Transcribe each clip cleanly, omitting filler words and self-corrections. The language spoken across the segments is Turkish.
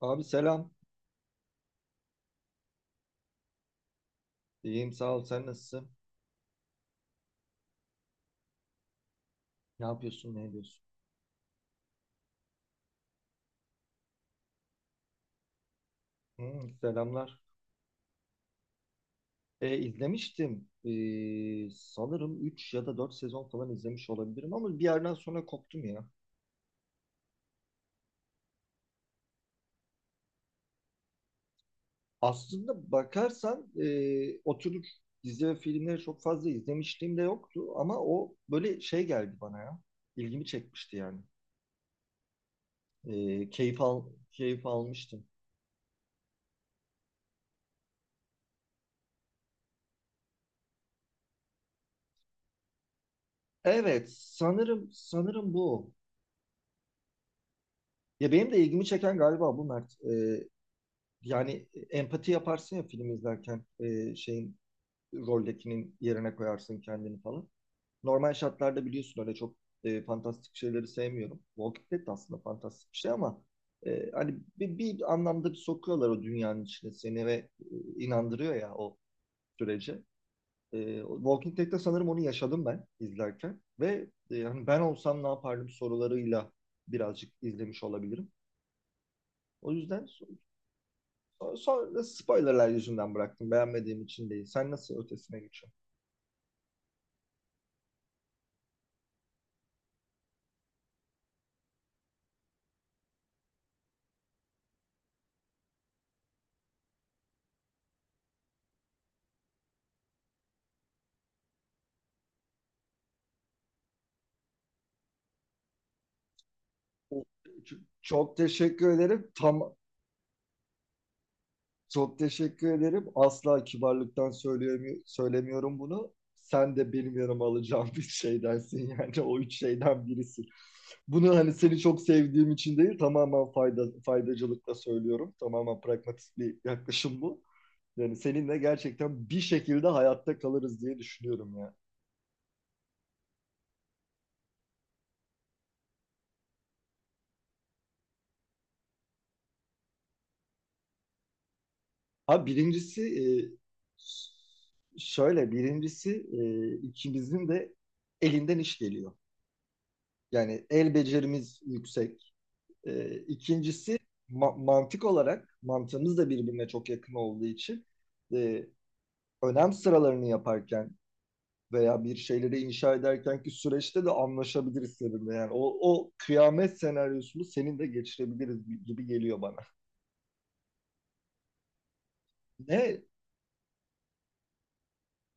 Abi selam. İyiyim sağ ol. Sen nasılsın? Ne yapıyorsun? Ne ediyorsun? Hmm, selamlar. İzlemiştim. Sanırım 3 ya da 4 sezon falan izlemiş olabilirim ama bir yerden sonra koptum ya. Aslında bakarsan o dizi ve filmleri çok fazla izlemişliğim de yoktu ama o böyle şey geldi bana ya. İlgimi çekmişti yani. E, keyif al, Keyif almıştım. Evet, sanırım bu. Ya benim de ilgimi çeken galiba bu Mert. Yani empati yaparsın ya film izlerken şeyin roldekinin yerine koyarsın kendini falan. Normal şartlarda biliyorsun öyle çok fantastik şeyleri sevmiyorum. Walking Dead de aslında fantastik bir şey ama hani bir anlamda bir sokuyorlar o dünyanın içine seni ve inandırıyor ya o sürece. O Walking Dead'de sanırım onu yaşadım ben izlerken ve hani ben olsam ne yapardım sorularıyla birazcık izlemiş olabilirim. O yüzden so, So- Sonra spoilerlar yüzünden bıraktım. Beğenmediğim için değil. Sen nasıl ötesine geçiyorsun? Çok teşekkür ederim. Çok teşekkür ederim. Asla kibarlıktan söylemiyorum bunu. Sen de benim yanıma alacağım bir şeydensin yani o üç şeyden birisin. Bunu hani seni çok sevdiğim için değil tamamen faydacılıkla söylüyorum. Tamamen pragmatik bir yaklaşım bu. Yani seninle gerçekten bir şekilde hayatta kalırız diye düşünüyorum ya. Ha birincisi e, şöyle birincisi, ikimizin de elinden iş geliyor. Yani el becerimiz yüksek. İkincisi mantık olarak mantığımız da birbirine çok yakın olduğu için e, önem sıralarını yaparken veya bir şeyleri inşa ederken ki süreçte de anlaşabiliriz seninle. Yani o kıyamet senaryosunu senin de geçirebiliriz gibi geliyor bana. Ne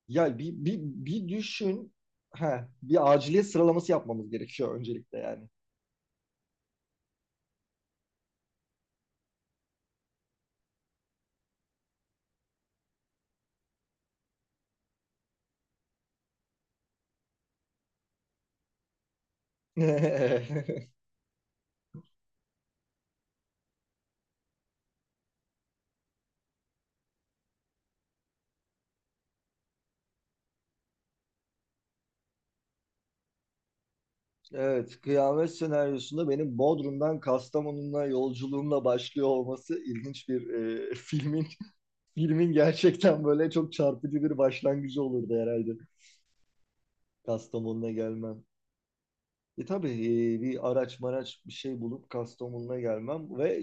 Ya bir düşün. Ha, bir aciliyet sıralaması yapmamız gerekiyor öncelikle yani. Evet, kıyamet senaryosunda benim Bodrum'dan Kastamonu'na yolculuğumla başlıyor olması ilginç bir e, filmin filmin gerçekten böyle çok çarpıcı bir başlangıcı olurdu herhalde Kastamonu'na gelmem. Tabii bir araç maraç bir şey bulup Kastamonu'na gelmem ve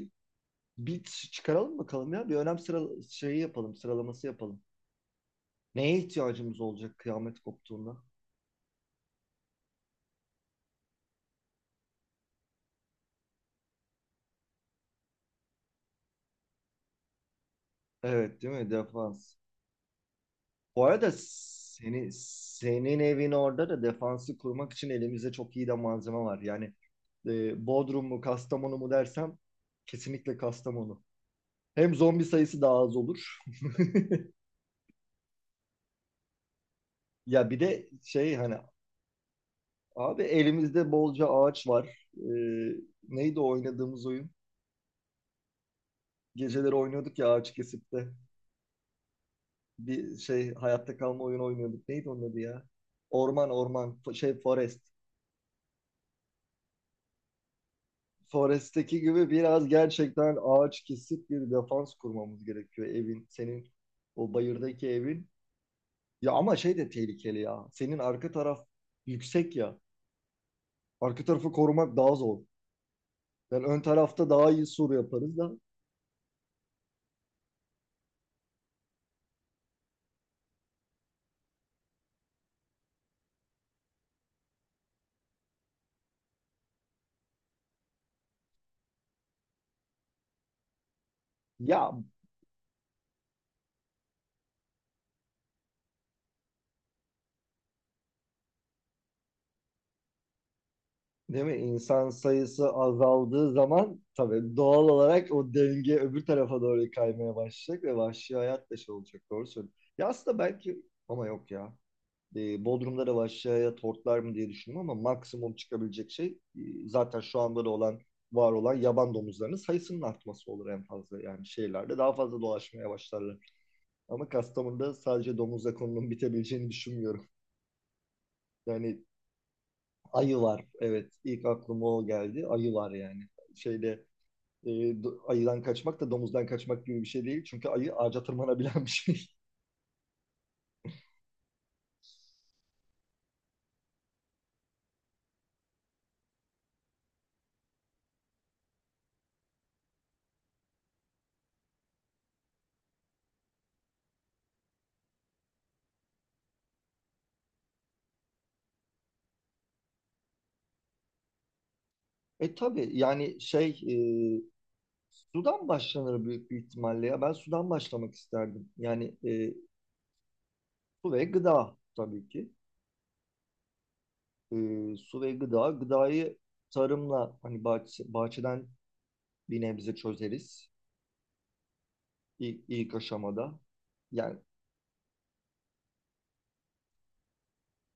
bir çıkaralım bakalım ya bir önem sıra şeyi yapalım sıralaması yapalım. Neye ihtiyacımız olacak kıyamet koptuğunda? Evet, değil mi? Defans. Bu arada senin evin orada da defansı kurmak için elimizde çok iyi de malzeme var. Yani Bodrum mu Kastamonu mu dersem kesinlikle Kastamonu. Hem zombi sayısı daha az olur. Ya bir de şey hani abi elimizde bolca ağaç var. Neydi o oynadığımız oyun? Geceleri oynuyorduk ya ağaç kesip de. Bir şey, hayatta kalma oyunu oynuyorduk. Neydi onun adı ya? Orman orman, şey, forest. Forest'teki gibi biraz gerçekten ağaç kesip bir defans kurmamız gerekiyor evin. Senin o bayırdaki evin. Ya ama şey de tehlikeli ya. Senin arka taraf yüksek ya. Arka tarafı korumak daha zor. Yani ön tarafta daha iyi sur yaparız da. Ya Değil mi? İnsan sayısı azaldığı zaman tabii doğal olarak o denge öbür tarafa doğru kaymaya başlayacak ve vahşi hayat da şey olacak. Doğru söylüyorsun. Ya aslında belki ama yok ya. Bodrum'da da vahşi hayat hortlar mı diye düşündüm ama maksimum çıkabilecek şey e, zaten şu anda da olan, var olan yaban domuzlarının sayısının artması olur en fazla. Yani şehirlerde daha fazla dolaşmaya başlarlar. Ama Kastamonu'da sadece domuzla konunun bitebileceğini düşünmüyorum. Yani ayı var. Evet, ilk aklıma o geldi. Ayı var yani. Şeyde e, ayıdan kaçmak da domuzdan kaçmak gibi bir şey değil. Çünkü ayı ağaca tırmanabilen bir şey. Tabii yani şey e, sudan başlanır büyük bir ihtimalle ya. Ben sudan başlamak isterdim. Yani su ve gıda tabii ki. E, Su ve gıda. Gıdayı tarımla hani bahçeden bir nebze çözeriz. İlk aşamada. Yani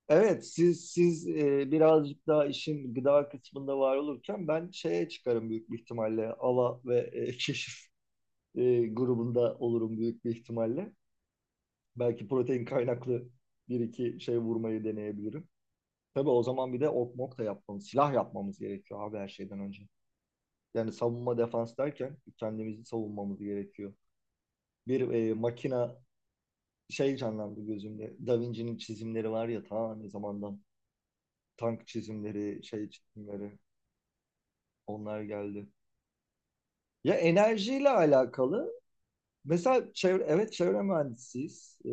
Evet, siz birazcık daha işin gıda kısmında var olurken ben şeye çıkarım büyük bir ihtimalle. Ala ve keşif grubunda olurum büyük bir ihtimalle. Belki protein kaynaklı bir iki şey vurmayı deneyebilirim. Tabii o zaman bir de ok mok da yapmamız, silah yapmamız gerekiyor abi her şeyden önce. Yani savunma defans derken kendimizi savunmamız gerekiyor. Bir makina şey canlandı gözümde. Da Vinci'nin çizimleri var ya ta ne zamandan. Tank çizimleri, şey çizimleri. Onlar geldi. Ya enerjiyle alakalı. Mesela çevre, evet çevre mühendisiyiz.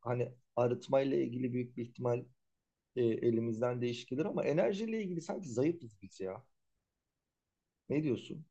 Hani arıtmayla ilgili büyük bir ihtimal elimizden değiş gelir ama enerjiyle ilgili sanki zayıfız biz ya. Ne diyorsun?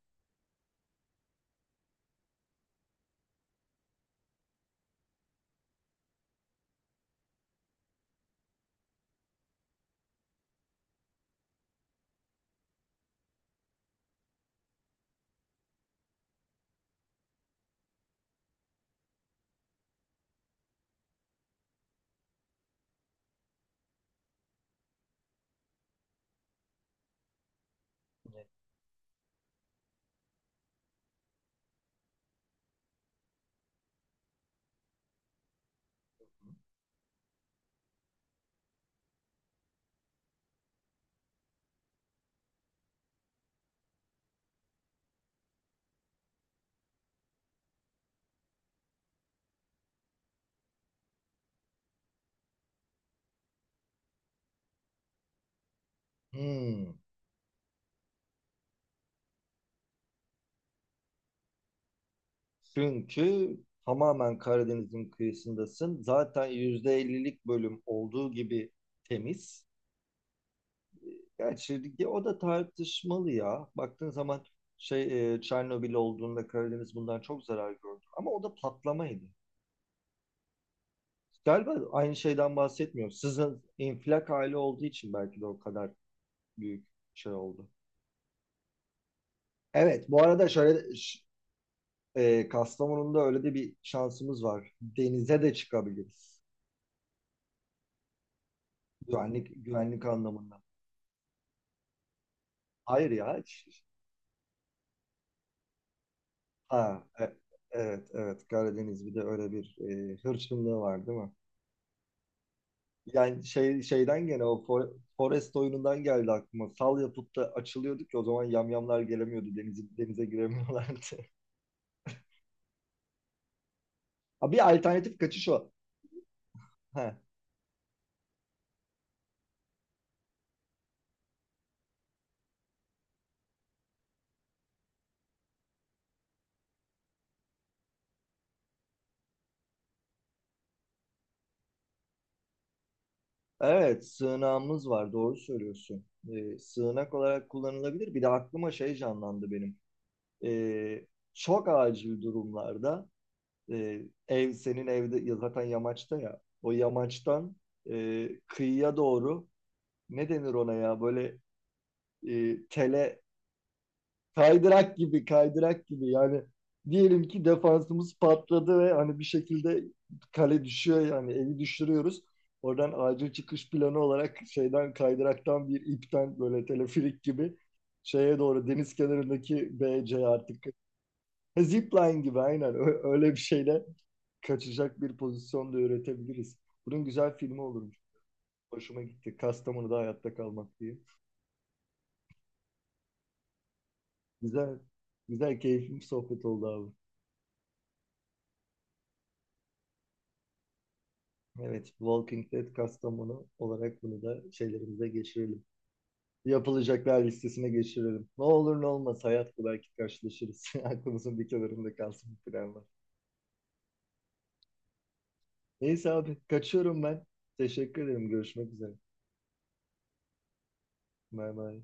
Evet. Hmm. Çünkü tamamen Karadeniz'in kıyısındasın. Zaten %50'lik bölüm olduğu gibi temiz. Gerçi ya o da tartışmalı ya. Baktığın zaman şey Çernobil olduğunda Karadeniz bundan çok zarar gördü. Ama o da patlamaydı. Galiba aynı şeyden bahsetmiyorum. Sizin infilak hali olduğu için belki de o kadar büyük şey oldu. Evet, bu arada şöyle Kastamonu'nda öyle de bir şansımız var. Denize de çıkabiliriz. Güvenlik anlamında. Hayır ya. Ha, evet, evet, Karadeniz bir de öyle bir hırçınlığı var değil mi? Yani şey şeyden gene o Forest oyunundan geldi aklıma. Sal yapıp da açılıyorduk ya, o zaman yamyamlar gelemiyordu. Denize giremiyorlardı. Ha, bir alternatif kaçış o. Ha. Evet, sığınağımız var, doğru söylüyorsun. Sığınak olarak kullanılabilir. Bir de aklıma şey canlandı benim. Ee, Çok acil durumlarda e, ev senin evde ya zaten yamaçta ya. O yamaçtan kıyıya doğru ne denir ona ya, böyle tele. Kaydırak gibi, kaydırak gibi. Yani diyelim ki defansımız patladı ve hani bir şekilde kale düşüyor, yani eli düşürüyoruz. Oradan acil çıkış planı olarak şeyden kaydıraktan bir ipten böyle teleferik gibi şeye doğru, deniz kenarındaki B BC artık. Ha, Zipline gibi aynen. Öyle bir şeyle kaçacak bir pozisyon da üretebiliriz. Bunun güzel filmi olurmuş. Hoşuma gitti. Kastamonu'da hayatta kalmak diye. Güzel, güzel keyifli bir sohbet oldu abi. Evet, Walking Dead Kastamonu olarak bunu da şeylerimize geçirelim. Yapılacaklar listesine geçirelim. Ne olur ne olmaz, hayat bu, belki karşılaşırız. Aklımızın bir kenarında kalsın bu planlar. Neyse abi, kaçıyorum ben. Teşekkür ederim. Görüşmek üzere. Bay bay.